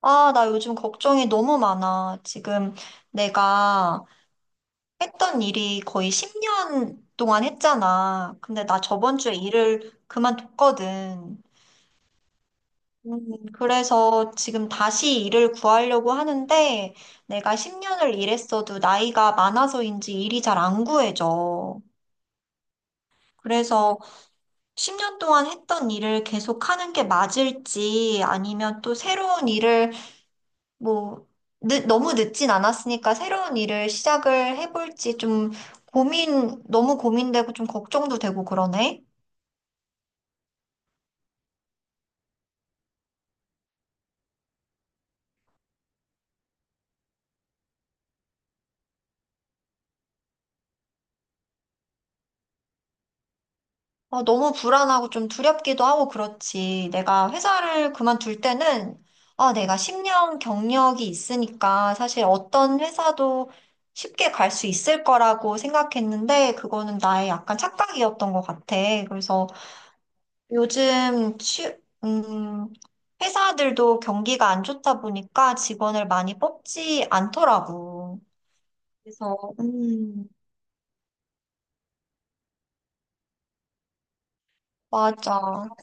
아, 나 요즘 걱정이 너무 많아. 지금 내가 했던 일이 거의 10년 동안 했잖아. 근데 나 저번 주에 일을 그만뒀거든. 그래서 지금 다시 일을 구하려고 하는데 내가 10년을 일했어도 나이가 많아서인지 일이 잘 안 구해져. 그래서 10년 동안 했던 일을 계속 하는 게 맞을지 아니면 또 새로운 일을 뭐, 너무 늦진 않았으니까 새로운 일을 시작을 해볼지 좀 너무 고민되고 좀 걱정도 되고 그러네. 어, 너무 불안하고 좀 두렵기도 하고 그렇지. 내가 회사를 그만둘 때는, 아, 내가 10년 경력이 있으니까 사실 어떤 회사도 쉽게 갈 수 있을 거라고 생각했는데, 그거는 나의 약간 착각이었던 것 같아. 그래서 요즘 음, 회사들도 경기가 안 좋다 보니까 직원을 많이 뽑지 않더라고. 그래서, 맞아.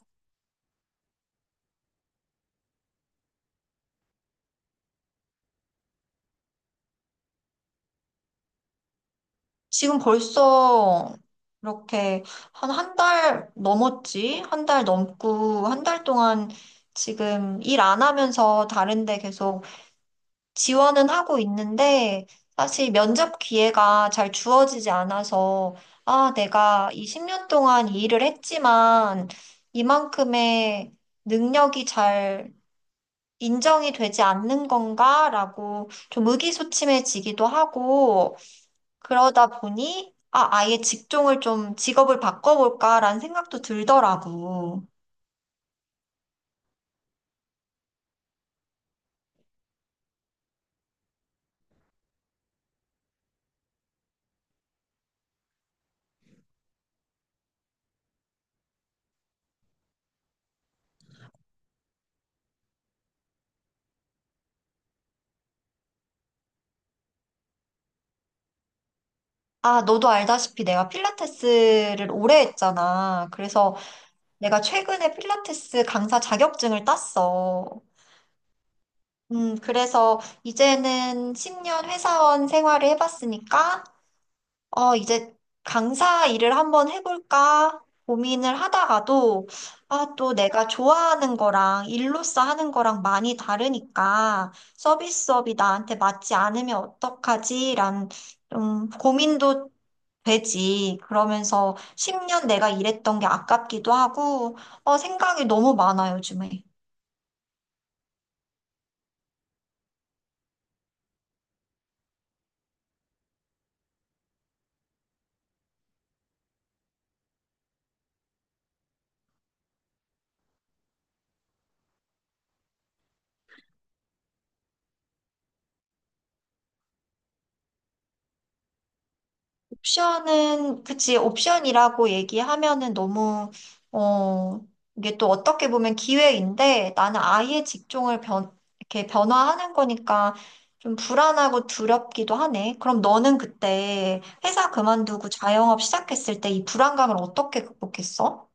지금 벌써 이렇게 한 한 달 넘었지? 한 달 넘고, 한 달 동안 지금 일 안 하면서 다른 데 계속 지원은 하고 있는데 사실 면접 기회가 잘 주어지지 않아서 아, 내가 이 10년 동안 이 일을 했지만 이만큼의 능력이 잘 인정이 되지 않는 건가라고 좀 의기소침해지기도 하고 그러다 보니 아, 아예 직종을 좀 직업을 바꿔볼까라는 생각도 들더라고. 아, 너도 알다시피 내가 필라테스를 오래 했잖아. 그래서 내가 최근에 필라테스 강사 자격증을 땄어. 그래서 이제는 10년 회사원 생활을 해봤으니까, 어, 이제 강사 일을 한번 해볼까 고민을 하다가도, 아, 또 내가 좋아하는 거랑 일로서 하는 거랑 많이 다르니까 서비스업이 나한테 맞지 않으면 어떡하지라는 좀 고민도 되지. 그러면서 10년 내가 일했던 게 아깝기도 하고, 어, 생각이 너무 많아, 요즘에. 그치, 옵션이라고 얘기하면은 너무, 어, 이게 또 어떻게 보면 기회인데, 나는 아예 직종을 이렇게 변화하는 거니까 좀 불안하고 두렵기도 하네. 그럼 너는 그때 회사 그만두고 자영업 시작했을 때 이 불안감을 어떻게 극복했어?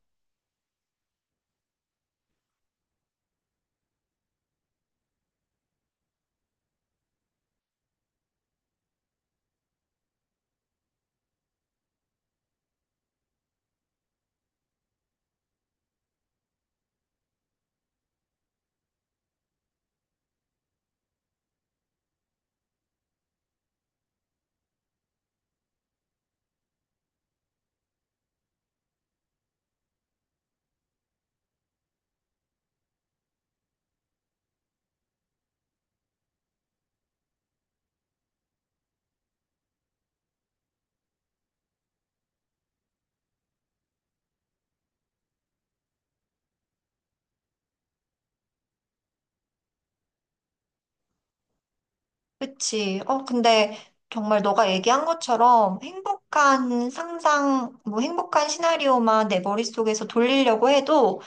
그치. 어, 근데 정말 너가 얘기한 것처럼 행복한 상상, 뭐 행복한 시나리오만 내 머릿속에서 돌리려고 해도,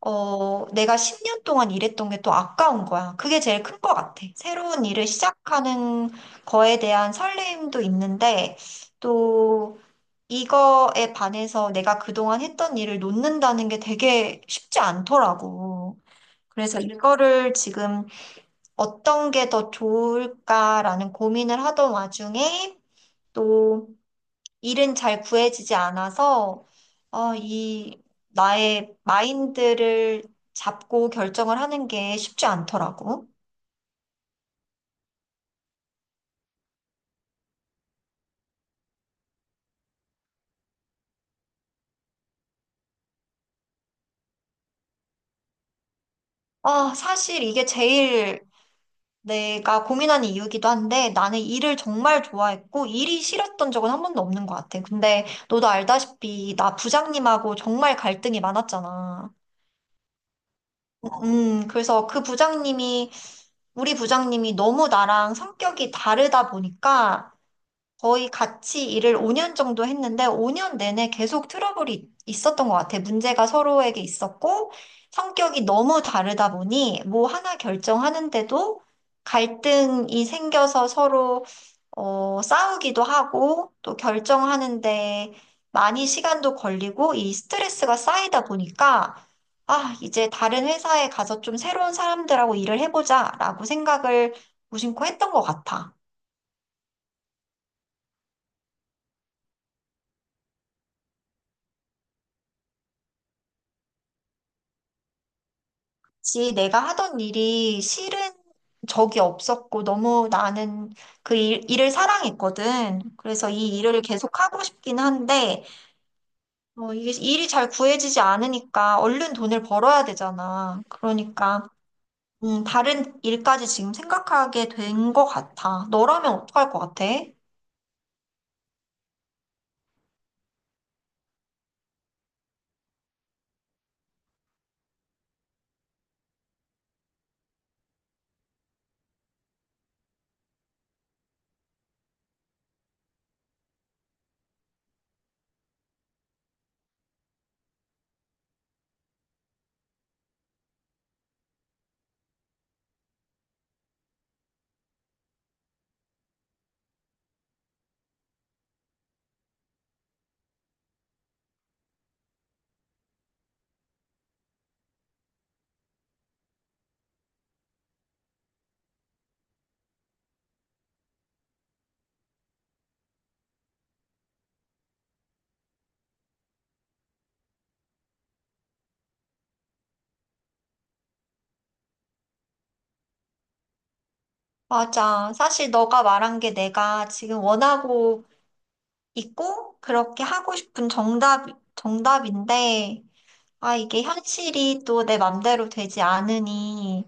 어, 내가 10년 동안 일했던 게 또 아까운 거야. 그게 제일 큰 것 같아. 새로운 일을 시작하는 거에 대한 설레임도 있는데, 또 이거에 반해서 내가 그동안 했던 일을 놓는다는 게 되게 쉽지 않더라고. 그래서 이거를 지금 어떤 게 더 좋을까라는 고민을 하던 와중에 또 일은 잘 구해지지 않아서 어, 이 나의 마인드를 잡고 결정을 하는 게 쉽지 않더라고. 아, 사실 이게 제일 내가 고민하는 이유기도 한데 나는 일을 정말 좋아했고 일이 싫었던 적은 한 번도 없는 것 같아. 근데 너도 알다시피 나 부장님하고 정말 갈등이 많았잖아. 그래서 그 부장님이 우리 부장님이 너무 나랑 성격이 다르다 보니까 거의 같이 일을 5년 정도 했는데 5년 내내 계속 트러블이 있었던 것 같아. 문제가 서로에게 있었고 성격이 너무 다르다 보니 뭐 하나 결정하는데도 갈등이 생겨서 서로 어, 싸우기도 하고 또 결정하는데 많이 시간도 걸리고 이 스트레스가 쌓이다 보니까 아, 이제 다른 회사에 가서 좀 새로운 사람들하고 일을 해보자라고 생각을 무심코 했던 것 같아. 지 내가 하던 일이 싫은 적이 없었고 너무 나는 일을 사랑했거든. 그래서 이 일을 계속 하고 싶긴 한데 어, 이게 일이 잘 구해지지 않으니까 얼른 돈을 벌어야 되잖아. 그러니까 다른 일까지 지금 생각하게 된 것 같아. 너라면 어떡할 것 같아? 맞아. 사실 너가 말한 게 내가 지금 원하고 있고 그렇게 하고 싶은 정답인데. 아, 이게 현실이 또 내 맘대로 되지 않으니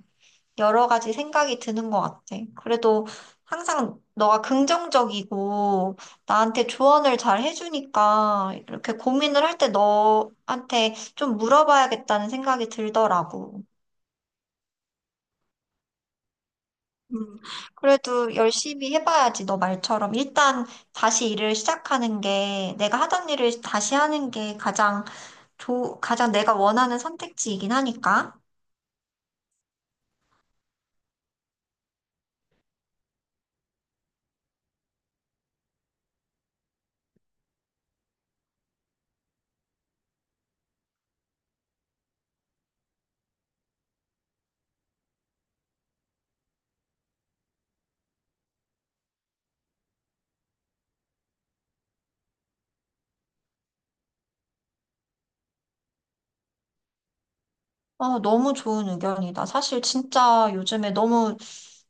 여러 가지 생각이 드는 것 같아. 그래도 항상 너가 긍정적이고 나한테 조언을 잘 해주니까 이렇게 고민을 할 때 너한테 좀 물어봐야겠다는 생각이 들더라고. 음, 그래도 열심히 해봐야지. 너 말처럼 일단 다시 일을 시작하는 게 내가 하던 일을 다시 하는 게 가장 내가 원하는 선택지이긴 하니까. 아, 너무 좋은 의견이다. 사실 진짜 요즘에 너무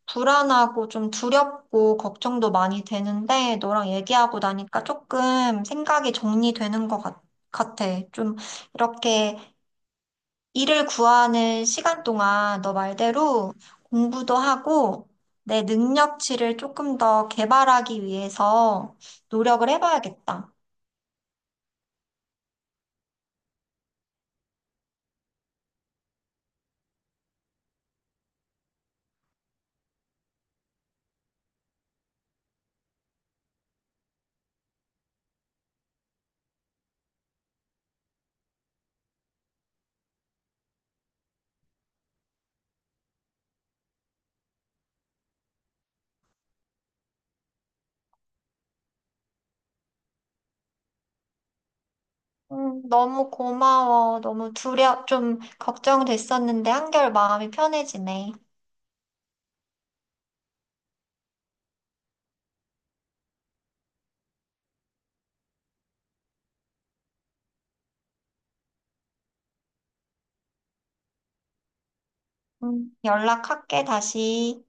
불안하고 좀 두렵고 걱정도 많이 되는데 너랑 얘기하고 나니까 조금 생각이 정리되는 것 같아. 좀 이렇게 일을 구하는 시간 동안 너 말대로 공부도 하고 내 능력치를 조금 더 개발하기 위해서 노력을 해봐야겠다. 너무 고마워. 너무 좀 걱정됐었는데 한결 마음이 편해지네. 연락할게, 다시.